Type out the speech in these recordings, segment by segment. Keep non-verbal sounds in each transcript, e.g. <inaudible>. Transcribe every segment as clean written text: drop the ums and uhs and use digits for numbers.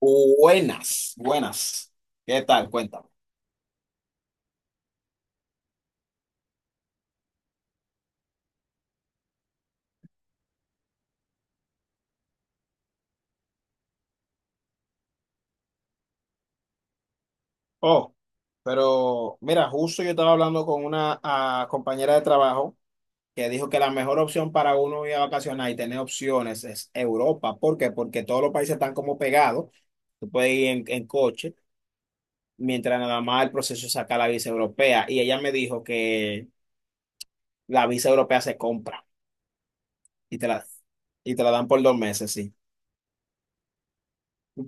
Buenas, buenas. ¿Qué tal? Cuéntame. Oh, pero mira, justo yo estaba hablando con una compañera de trabajo que dijo que la mejor opción para uno ir a vacacionar y tener opciones es Europa. ¿Por qué? Porque todos los países están como pegados. Tú puedes ir en coche, mientras nada más el proceso es sacar la visa europea. Y ella me dijo que la visa europea se compra y y te la dan por dos meses, sí.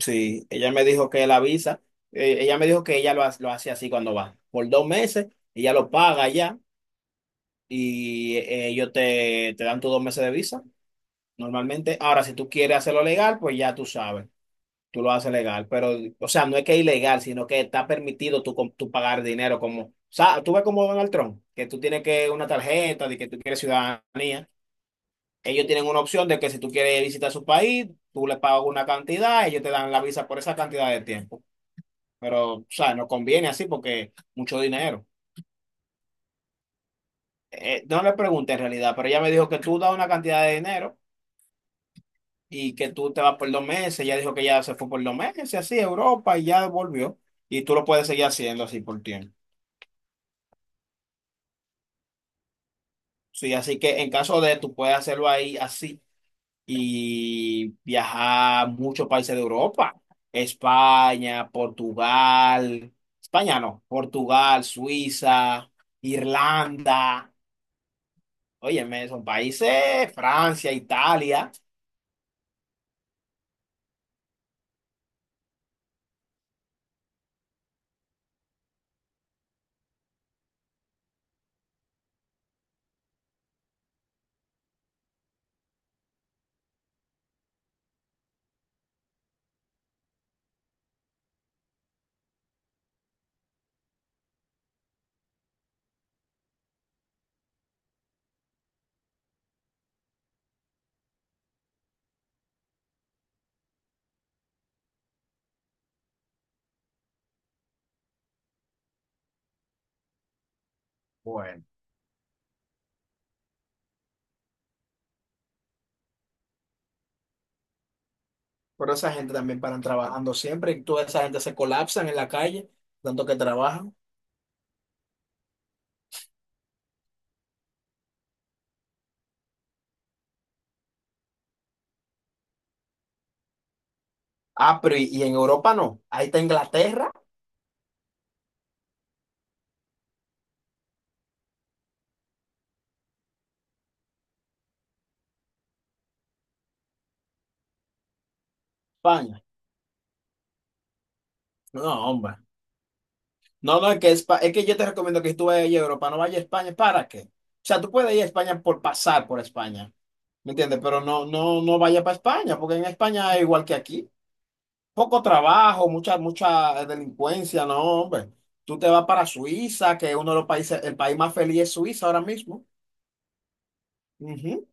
Sí, ella me dijo que ella me dijo que lo hace así cuando va. Por dos meses, ella lo paga ya y ellos te dan tus dos meses de visa normalmente. Ahora, si tú quieres hacerlo legal, pues ya tú sabes, tú lo haces legal. Pero, o sea, no es que es ilegal, sino que está permitido tú pagar dinero como, o sea, tú ves como Donald Trump, que tú tienes que una tarjeta de que tú quieres ciudadanía. Ellos tienen una opción de que si tú quieres visitar su país, tú le pagas una cantidad, ellos te dan la visa por esa cantidad de tiempo. Pero, o sea, nos conviene así porque mucho dinero. No le pregunté en realidad, pero ella me dijo que tú das una cantidad de dinero y que tú te vas por dos meses. Ella dijo que ya se fue por dos meses, así, a Europa y ya volvió. Y tú lo puedes seguir haciendo así por tiempo. Sí, así que en caso de tú puedes hacerlo ahí así y viajar a muchos países de Europa. España, Portugal, España no, Portugal, Suiza, Irlanda. Óyeme, son países, Francia, Italia. Bueno, pero esa gente también paran trabajando siempre y toda esa gente se colapsan en la calle, tanto que trabajan. Ah, pero y en Europa no. Ahí está Inglaterra, España. No, hombre. No, no, es que, es que yo te recomiendo que si tú vayas a Europa, no vayas a España. ¿Para qué? O sea, tú puedes ir a España por pasar por España, ¿me entiendes? Pero no, no, no vayas para España, porque en España es igual que aquí. Poco trabajo, mucha delincuencia, no, hombre. Tú te vas para Suiza, que es uno de los países, el país más feliz es Suiza ahora mismo. Ujú.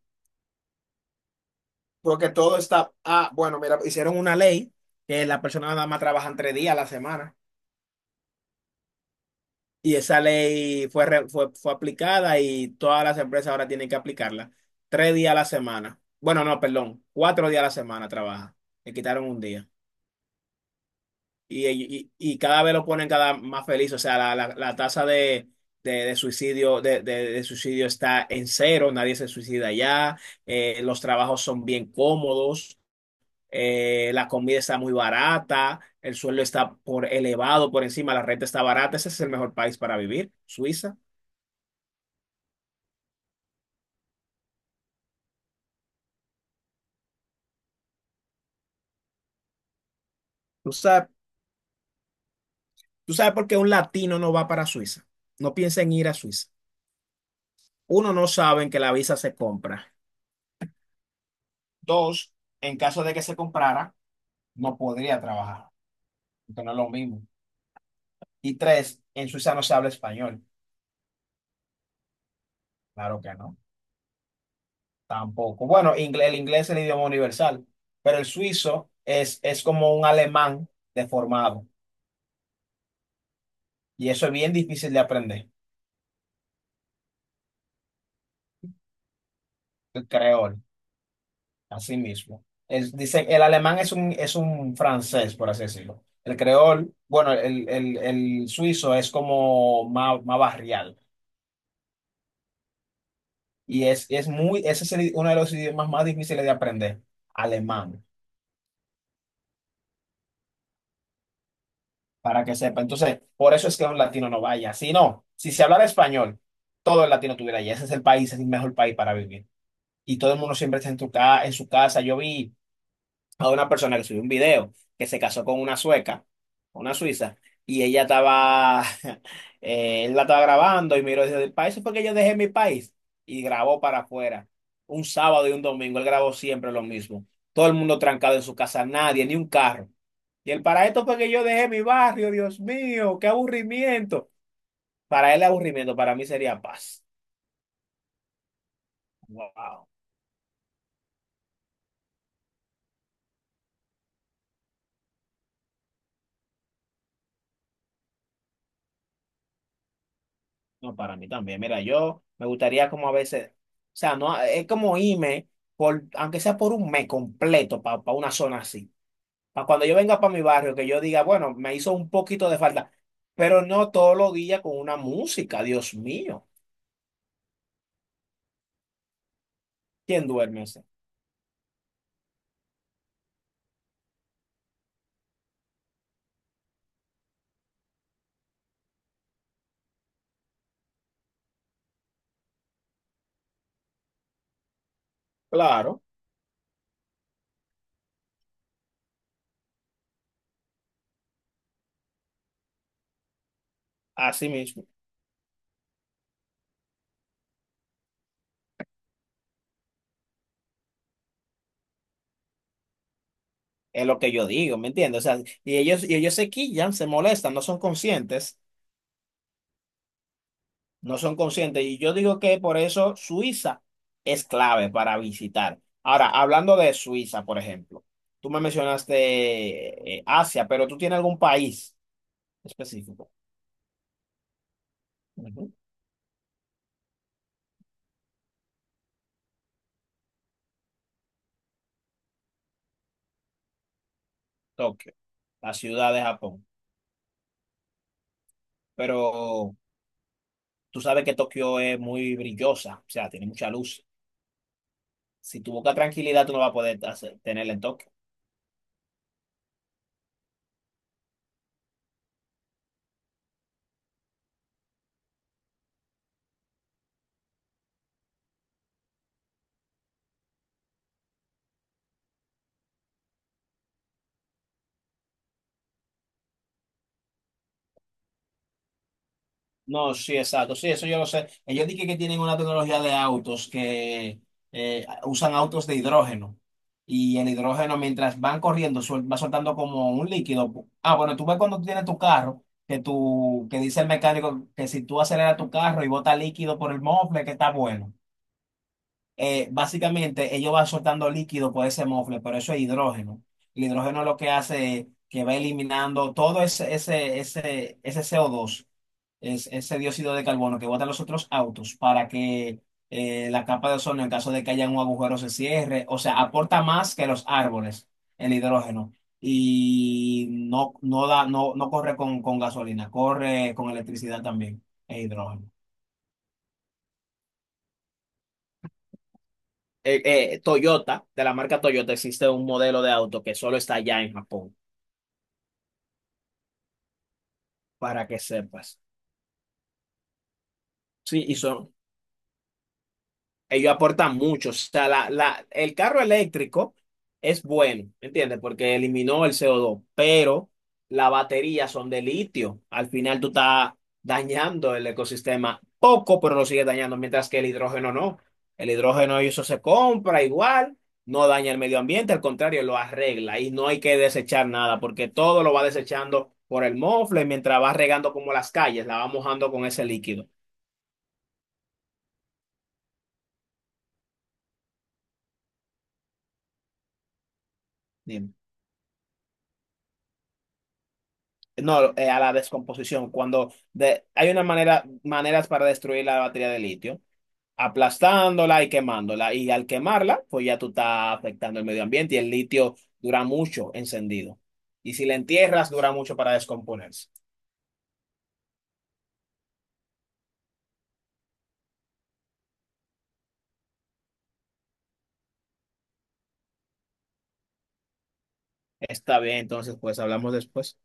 Porque todo está, bueno, mira, hicieron una ley que las personas nada más trabajan tres días a la semana. Y esa ley fue, fue aplicada y todas las empresas ahora tienen que aplicarla. Tres días a la semana. Bueno, no, perdón, cuatro días a la semana trabaja. Le quitaron un día. Y cada vez lo ponen cada más feliz, o sea, la tasa de suicidio, de suicidio está en cero, nadie se suicida ya, los trabajos son bien cómodos, la comida está muy barata, el sueldo está por elevado por encima, la renta está barata, ese es el mejor país para vivir, Suiza. ¿Tú sabes, tú sabes por qué un latino no va para Suiza? No piensa en ir a Suiza. Uno, no saben que la visa se compra. Dos, en caso de que se comprara, no podría trabajar. Esto no es lo mismo. Y tres, en Suiza no se habla español. Claro que no, tampoco. Bueno, el inglés es el idioma universal, pero el suizo es como un alemán deformado. Y eso es bien difícil de aprender, el creol, así mismo. El, dice, el alemán es un francés, por así decirlo. El creol, bueno, el suizo es como más, más barrial. Es muy, ese es el- uno de los idiomas más difíciles de aprender, alemán. Para que sepa. Entonces, por eso es que un latino no vaya. Si no, si se hablara español, todo el latino tuviera allá. Ese es el país, es el mejor país para vivir. Y todo el mundo siempre está en, en su casa. Yo vi a una persona que subió un video que se casó con una sueca, una suiza, y ella estaba, <laughs> él la estaba grabando y miró y dice, para eso fue que yo dejé mi país. Y grabó para afuera. Un sábado y un domingo, él grabó siempre lo mismo. Todo el mundo trancado en su casa, nadie, ni un carro. Y el para esto fue que yo dejé mi barrio, Dios mío, qué aburrimiento. Para él aburrimiento, para mí sería paz. Wow. No, para mí también. Mira, yo me gustaría como a veces, o sea, no, es como irme, por, aunque sea por un mes completo, para una zona así. Para cuando yo venga para mi barrio, que yo diga, bueno, me hizo un poquito de falta, pero no todos los días con una música, Dios mío. ¿Quién duerme así? Claro, así mismo. Es lo que yo digo, ¿me entiendes? O sea, y ellos se quillan, se molestan, no son conscientes. No son conscientes. Y yo digo que por eso Suiza es clave para visitar. Ahora, hablando de Suiza, por ejemplo, tú me mencionaste Asia, pero tú tienes algún país específico. Ujú. Tokio, la ciudad de Japón. Pero tú sabes que Tokio es muy brillosa, o sea, tiene mucha luz. Si tu buscas tranquilidad, tú no vas a poder tenerla en Tokio. No, sí, exacto. Sí, eso yo lo sé. Ellos dije que tienen una tecnología de autos que usan autos de hidrógeno. Y el hidrógeno, mientras van corriendo, va soltando como un líquido. Ah, bueno, tú ves cuando tú tienes tu carro, que tú, que dice el mecánico que si tú aceleras tu carro y bota líquido por el mofle, que está bueno. Básicamente ellos van soltando líquido por ese mofle, pero eso es hidrógeno. El hidrógeno lo que hace es que va eliminando todo ese CO2, es, ese dióxido de carbono que botan los otros autos para que la capa de ozono, en caso de que haya un agujero, se cierre. O sea, aporta más que los árboles el hidrógeno. Y no, no da, no, no corre con gasolina, corre con electricidad también, el hidrógeno. Toyota, de la marca Toyota, existe un modelo de auto que solo está allá en Japón, para que sepas. Sí, y son, ellos aportan mucho. O sea, el carro eléctrico es bueno, ¿me ¿entiendes? Porque eliminó el CO2, pero las baterías son de litio. Al final tú estás dañando el ecosistema poco, pero lo sigues dañando, mientras que el hidrógeno no. El hidrógeno y eso se compra igual, no daña el medio ambiente, al contrario, lo arregla y no hay que desechar nada, porque todo lo va desechando por el mofle mientras va regando como las calles, la va mojando con ese líquido. No, a la descomposición. Cuando hay una manera, maneras para destruir la batería de litio, aplastándola y quemándola. Y al quemarla, pues ya tú estás afectando el medio ambiente y el litio dura mucho encendido. Y si la entierras, dura mucho para descomponerse. Está bien, entonces pues hablamos después.